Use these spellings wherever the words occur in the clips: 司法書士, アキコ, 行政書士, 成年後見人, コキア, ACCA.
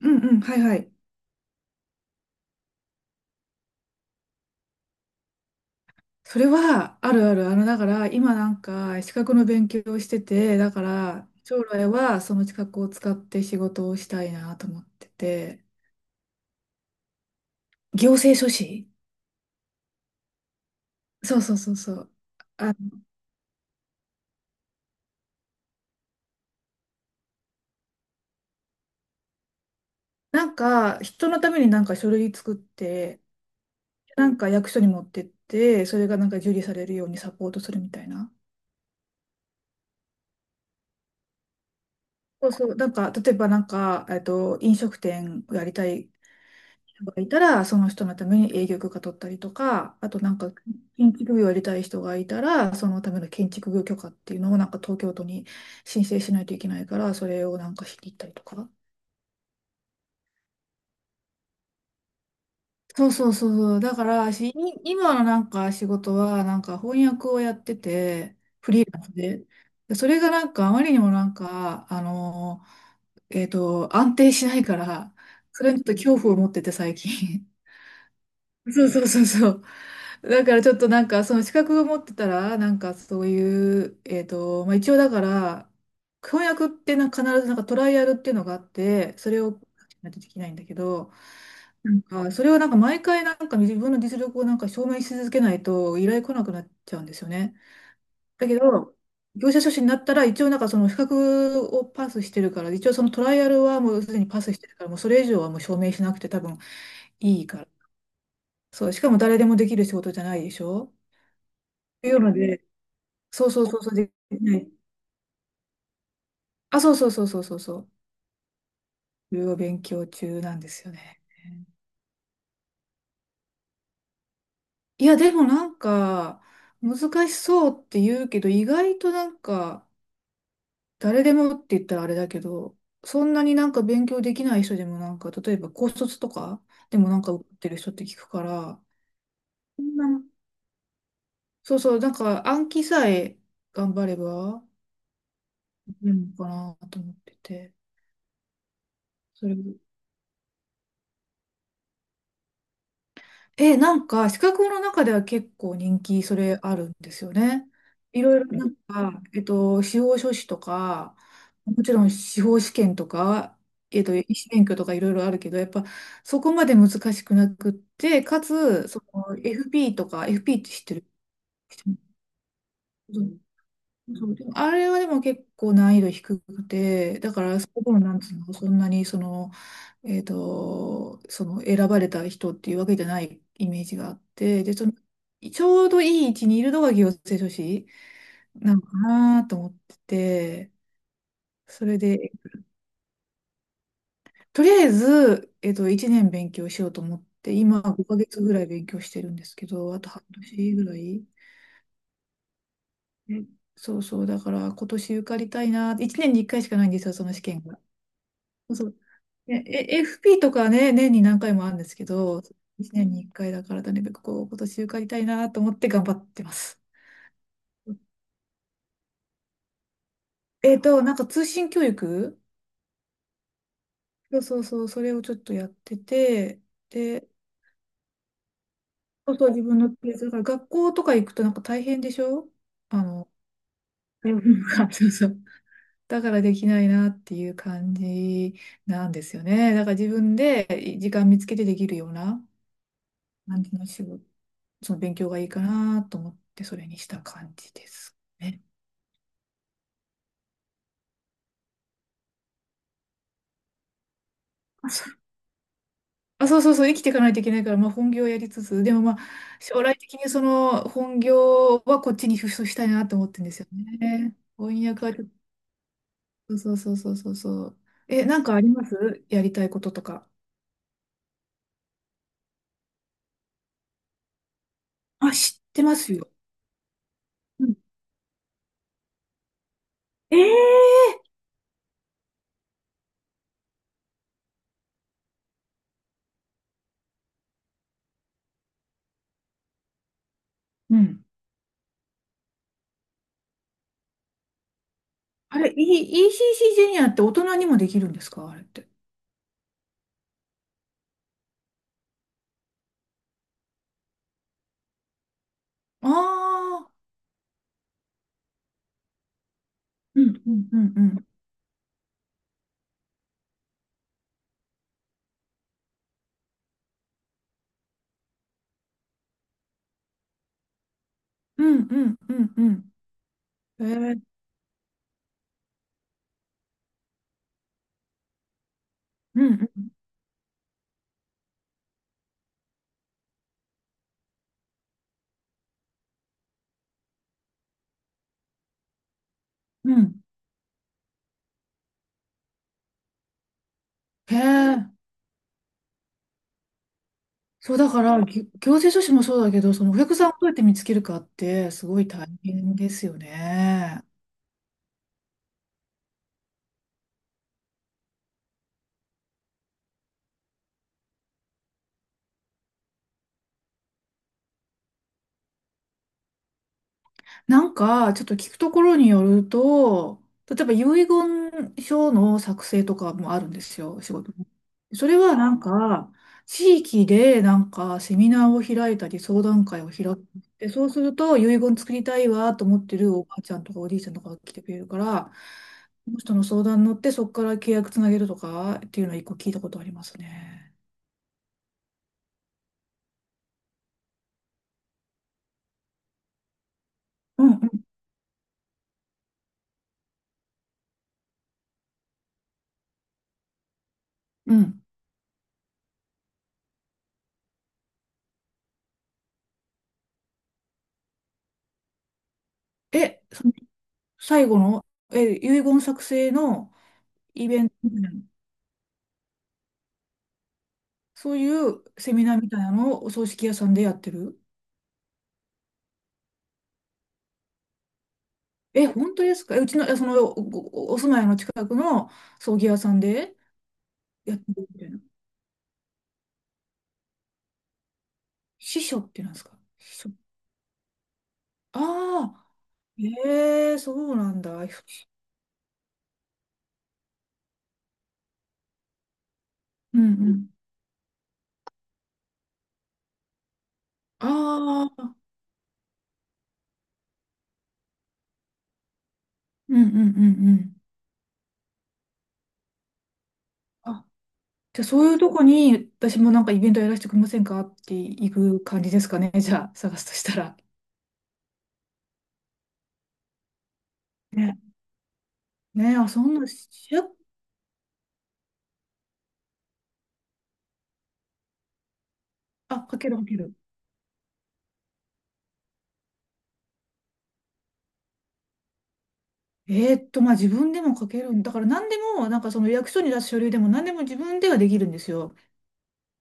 うんうん、はいはい。それはあるある。だから、今なんか資格の勉強をしてて、だから、将来はその資格を使って仕事をしたいなと思ってて。行政書士。そうそうそうそう。あ、なんか、人のためになんか書類作って、なんか役所に持ってって、それがなんか受理されるようにサポートするみたいな。そうそう。なんか、例えばなんか、飲食店をやりたいがいたら、その人のために営業許可取ったりとか、あとなんか建築業をやりたい人がいたら、そのための建築業許可っていうのをなんか東京都に申請しないといけないから、それをなんかしに行ったりとか。そうそうそうそう。だから、今のなんか仕事はなんか翻訳をやってて、で、それがなんかあまりにもなんか、安定しないから、それにちょっと恐怖を持ってて最近。そうそうそうそう。だからちょっとなんかその資格を持ってたらなんかそういう、まあ、一応だから翻訳ってな必ずなんかトライアルっていうのがあってそれをしないとできないんだけど、なんかそれをなんか毎回なんか自分の実力をなんか証明し続けないと依頼来なくなっちゃうんですよね。だけど業者書士になったら一応なんかその資格をパスしてるから一応そのトライアルはもうすでにパスしてるからもうそれ以上はもう証明しなくて多分いいから。そう、しかも誰でもできる仕事じゃないでしょっていうので、そうそうそうそう、できない。あ、そうそうそうそうそうそう。いろいろ勉強中なんですよね。いや、でもなんか、難しそうって言うけど、意外となんか、誰でもって言ったらあれだけど、そんなになんか勉強できない人でもなんか、例えば高卒とかでもなんか受かってる人って聞くから、そんなそうそう、なんか暗記さえ頑張れば、できるのかなと思ってて、それをえ、なんか、資格の中では結構人気、それあるんですよね。いろいろなんか、司法書士とか、もちろん司法試験とか、医師免許とかいろいろあるけど、やっぱそこまで難しくなくって、かつ、その FP とか、FP って知ってる？そうでもあれはでも結構難易度低くて、だからそこのなんつうの、そんなにその、その選ばれた人っていうわけじゃないイメージがあって、で、その、ちょうどいい位置にいるのが行政書士なのかなと思ってて、それで、とりあえず、1年勉強しようと思って、今5ヶ月ぐらい勉強してるんですけど、あと半年ぐらい。うん。そうそう、だから今年受かりたいな、1年に1回しかないんですよ、その試験が。そう。ねえ、FP とかね、年に何回もあるんですけど、1年に1回だから、とにかくこう、今年受かりたいなと思って頑張ってます。なんか通信教育。そうそうそう、それをちょっとやってて、で、そうそう、自分のペース、だから学校とか行くとなんか大変でしょ？あの、うん そうそう。だからできないなっていう感じなんですよね。だから自分で時間見つけてできるような感じの仕事。その勉強がいいかなと思って、それにした感じですね。あ、そう あ、そうそうそう、生きていかないといけないから、まあ、本業をやりつつ、でもまあ、将来的にその本業はこっちにシフトしたいなと思ってるんですよね。翻訳はちょっと、そうそうそうそうそう。え、なんかありますやりたいこととか？あ、知ってますよ。うん。ええ。うん。あれ、E- c c ジュニアって大人にもできるんですか、あれって？ああー、うんうんうんうん。うんうんうんうん。えー、うんうん。へえ。そうだから、行政書士もそうだけど、そのお客さんをどうやって見つけるかって、すごい大変ですよね。なんか、ちょっと聞くところによると、例えば遺言書の作成とかもあるんですよ、仕事に。それはなんか、地域でなんかセミナーを開いたり相談会を開く。で、そうすると遺言作りたいわと思ってるおばあちゃんとかおじいちゃんとかが来てくれるから、その人の相談に乗ってそこから契約つなげるとかっていうのは一個聞いたことありますね。うんうんうん。その最後の、遺言作成のイベント。そういうセミナーみたいなのをお葬式屋さんでやってる。え、本当ですか？うちの、その、お住まいの近くの葬儀屋さんでやってるみたいな。司書ってなんですか？司書。ああ、ええ、そうなんだ。うんうん。ああ、うんうんうんうん。あ、じゃあそういうとこに私もなんかイベントやらせてくれませんかって行く感じですかね。じゃあ探すとしたら。ね、ね、あ、そんな、しあ、かけるかける。まあ自分でも書けるんだから何でも、なんかその役所に出す書類でも何でも自分ではできるんですよ。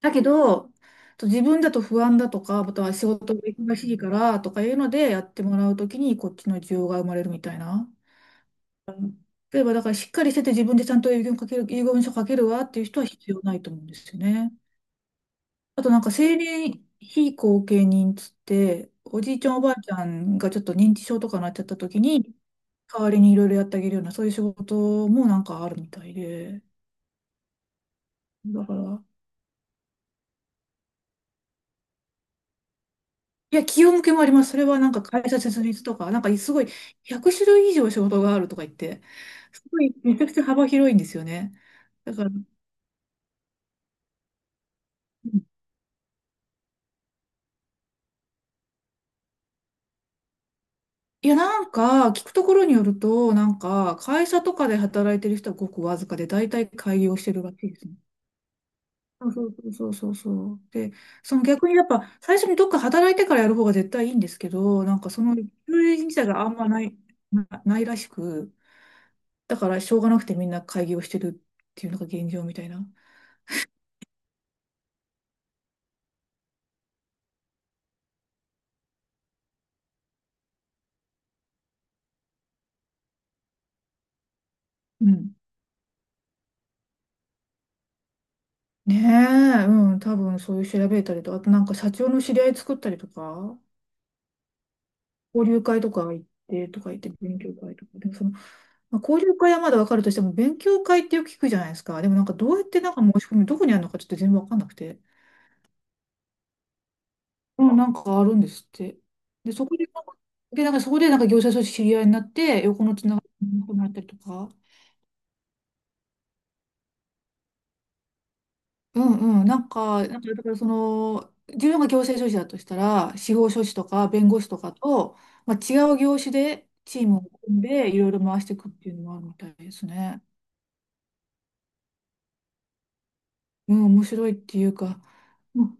だけど、自分だと不安だとか、または仕事が忙しいからとかいうのでやってもらうときにこっちの需要が生まれるみたいな。例えばだからしっかりしてて自分でちゃんと遺言書ける、遺言書書けるわっていう人は必要ないと思うんですよね。あとなんか生年非後見人つって、おじいちゃんおばあちゃんがちょっと認知症とかなっちゃった時に、代わりにいろいろやってあげるような、そういう仕事もなんかあるみたいで。だから、いや、企業向けもあります。それはなんか会社設立とか、なんかすごい100種類以上仕事があるとか言って、すごいめちゃくちゃ幅広いんですよね。だから、うん。いや、なんか聞くところによると、なんか会社とかで働いてる人はごくわずかで、大体開業してるらしいですね。そうそうそうそうそう。で、その逆にやっぱ最初にどっか働いてからやる方が絶対いいんですけど、なんかその休日自体があんまない、ないらしく、だからしょうがなくてみんな会議をしてるっていうのが現状みたいな。うん。ねえ、うん、多分そういう調べたりとか、あとなんか社長の知り合い作ったりとか、交流会とか行ってとか言って勉強会とか、でもその、まあ、交流会はまだわかるとしても勉強会ってよく聞くじゃないですか。でもなんかどうやってなんか申し込み、どこにあるのかちょっと全然わかんなくて。うん、なんかあるんですって。で、そこで、なんか、で、なんかそこでなんか業者と知り合いになって、横のつながりがなくなったりとか。うんうん、なんか、なんかだから、自分が行政書士だとしたら、司法書士とか弁護士とかと、まあ、違う業種でチームを組んで、いろいろ回していくっていうのもあるみたいですね。うん、面白いっていうか、うん、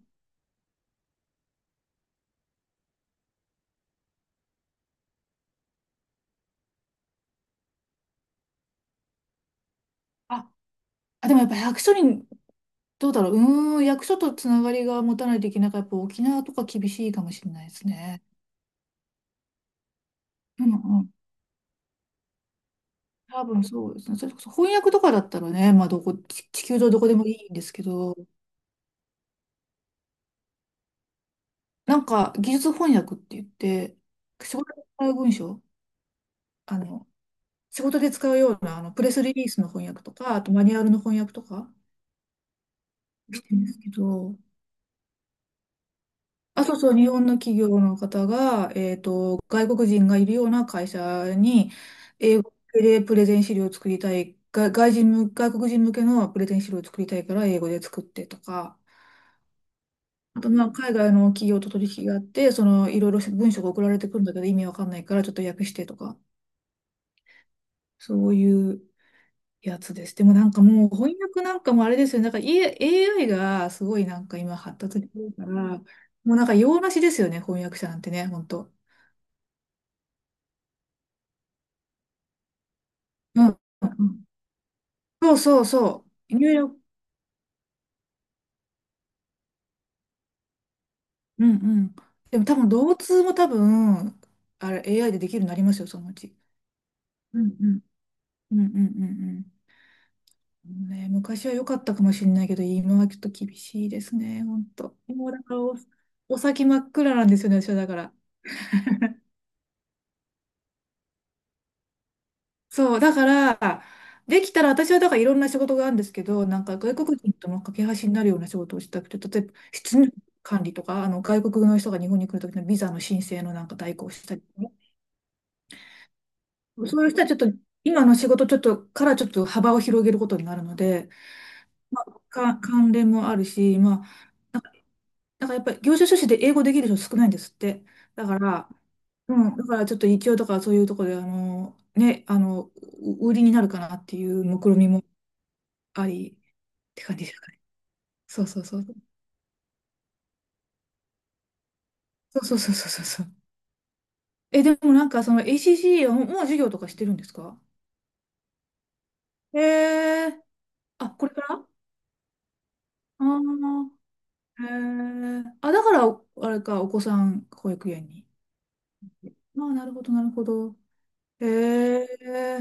あ、あでもやっぱ役所に、どうだろう、役所とつながりが持たないといけないから、やっぱ沖縄とか厳しいかもしれないですね。うん、多分そうですね。それこそ翻訳とかだったらね、まあどこ、地球上どこでもいいんですけど、なんか技術翻訳って言って、仕事で使う文章、あの、仕事で使うようなあのプレスリリースの翻訳とか、あとマニュアルの翻訳とかしてるんですけど、あ、そうそう、日本の企業の方が、外国人がいるような会社に、英語でプレゼン資料を作りたい、が外人向、外国人向けのプレゼン資料を作りたいから英語で作ってとか、あと、まあ、海外の企業と取引があって、いろいろ文章が送られてくるんだけど、意味わかんないから、ちょっと訳してとか、そういうやつです。でもなんかもう、翻訳なんかもあれですよね。なんか、 AI がすごいなんか今発達してるから、もうなんか用なしですよね、翻訳者なんてね、本当。うん。うん、そうそうそう。入力。うんうん。でも多分、同通も多分、あれ、AI でできるようになりますよ、そのうち。うんうん。うんうんうんうん。ね、昔は良かったかもしれないけど、今はちょっと厳しいですね、本当。もうだからお、お先真っ暗なんですよね、私はだから。そう、だから、できたら私はだからいろんな仕事があるんですけど、なんか外国人との架け橋になるような仕事をしたくて、例えば出入国管理とか、あの外国の人が日本に来るときのビザの申請のなんか代行をしたりとかね、そういう人はちょっと今の仕事ちょっとからちょっと幅を広げることになるので、まあ、関連もあるし、まあ、だからやっぱり業種書士で英語できる人少ないんですって。だから、うん、だからちょっと一応だからそういうところで、あの、ね、あの、売りになるかなっていう目論見もありって感じですかね。そうそうそう。そうそうそうそうそうそう。え、でもなんかその ACCA はもう授業とかしてるんですか。へえ。あ、これからあ、あー、へえ。あ、だから、あれか、お子さん保育園に。まあ、なるほど、なるほど。へえ。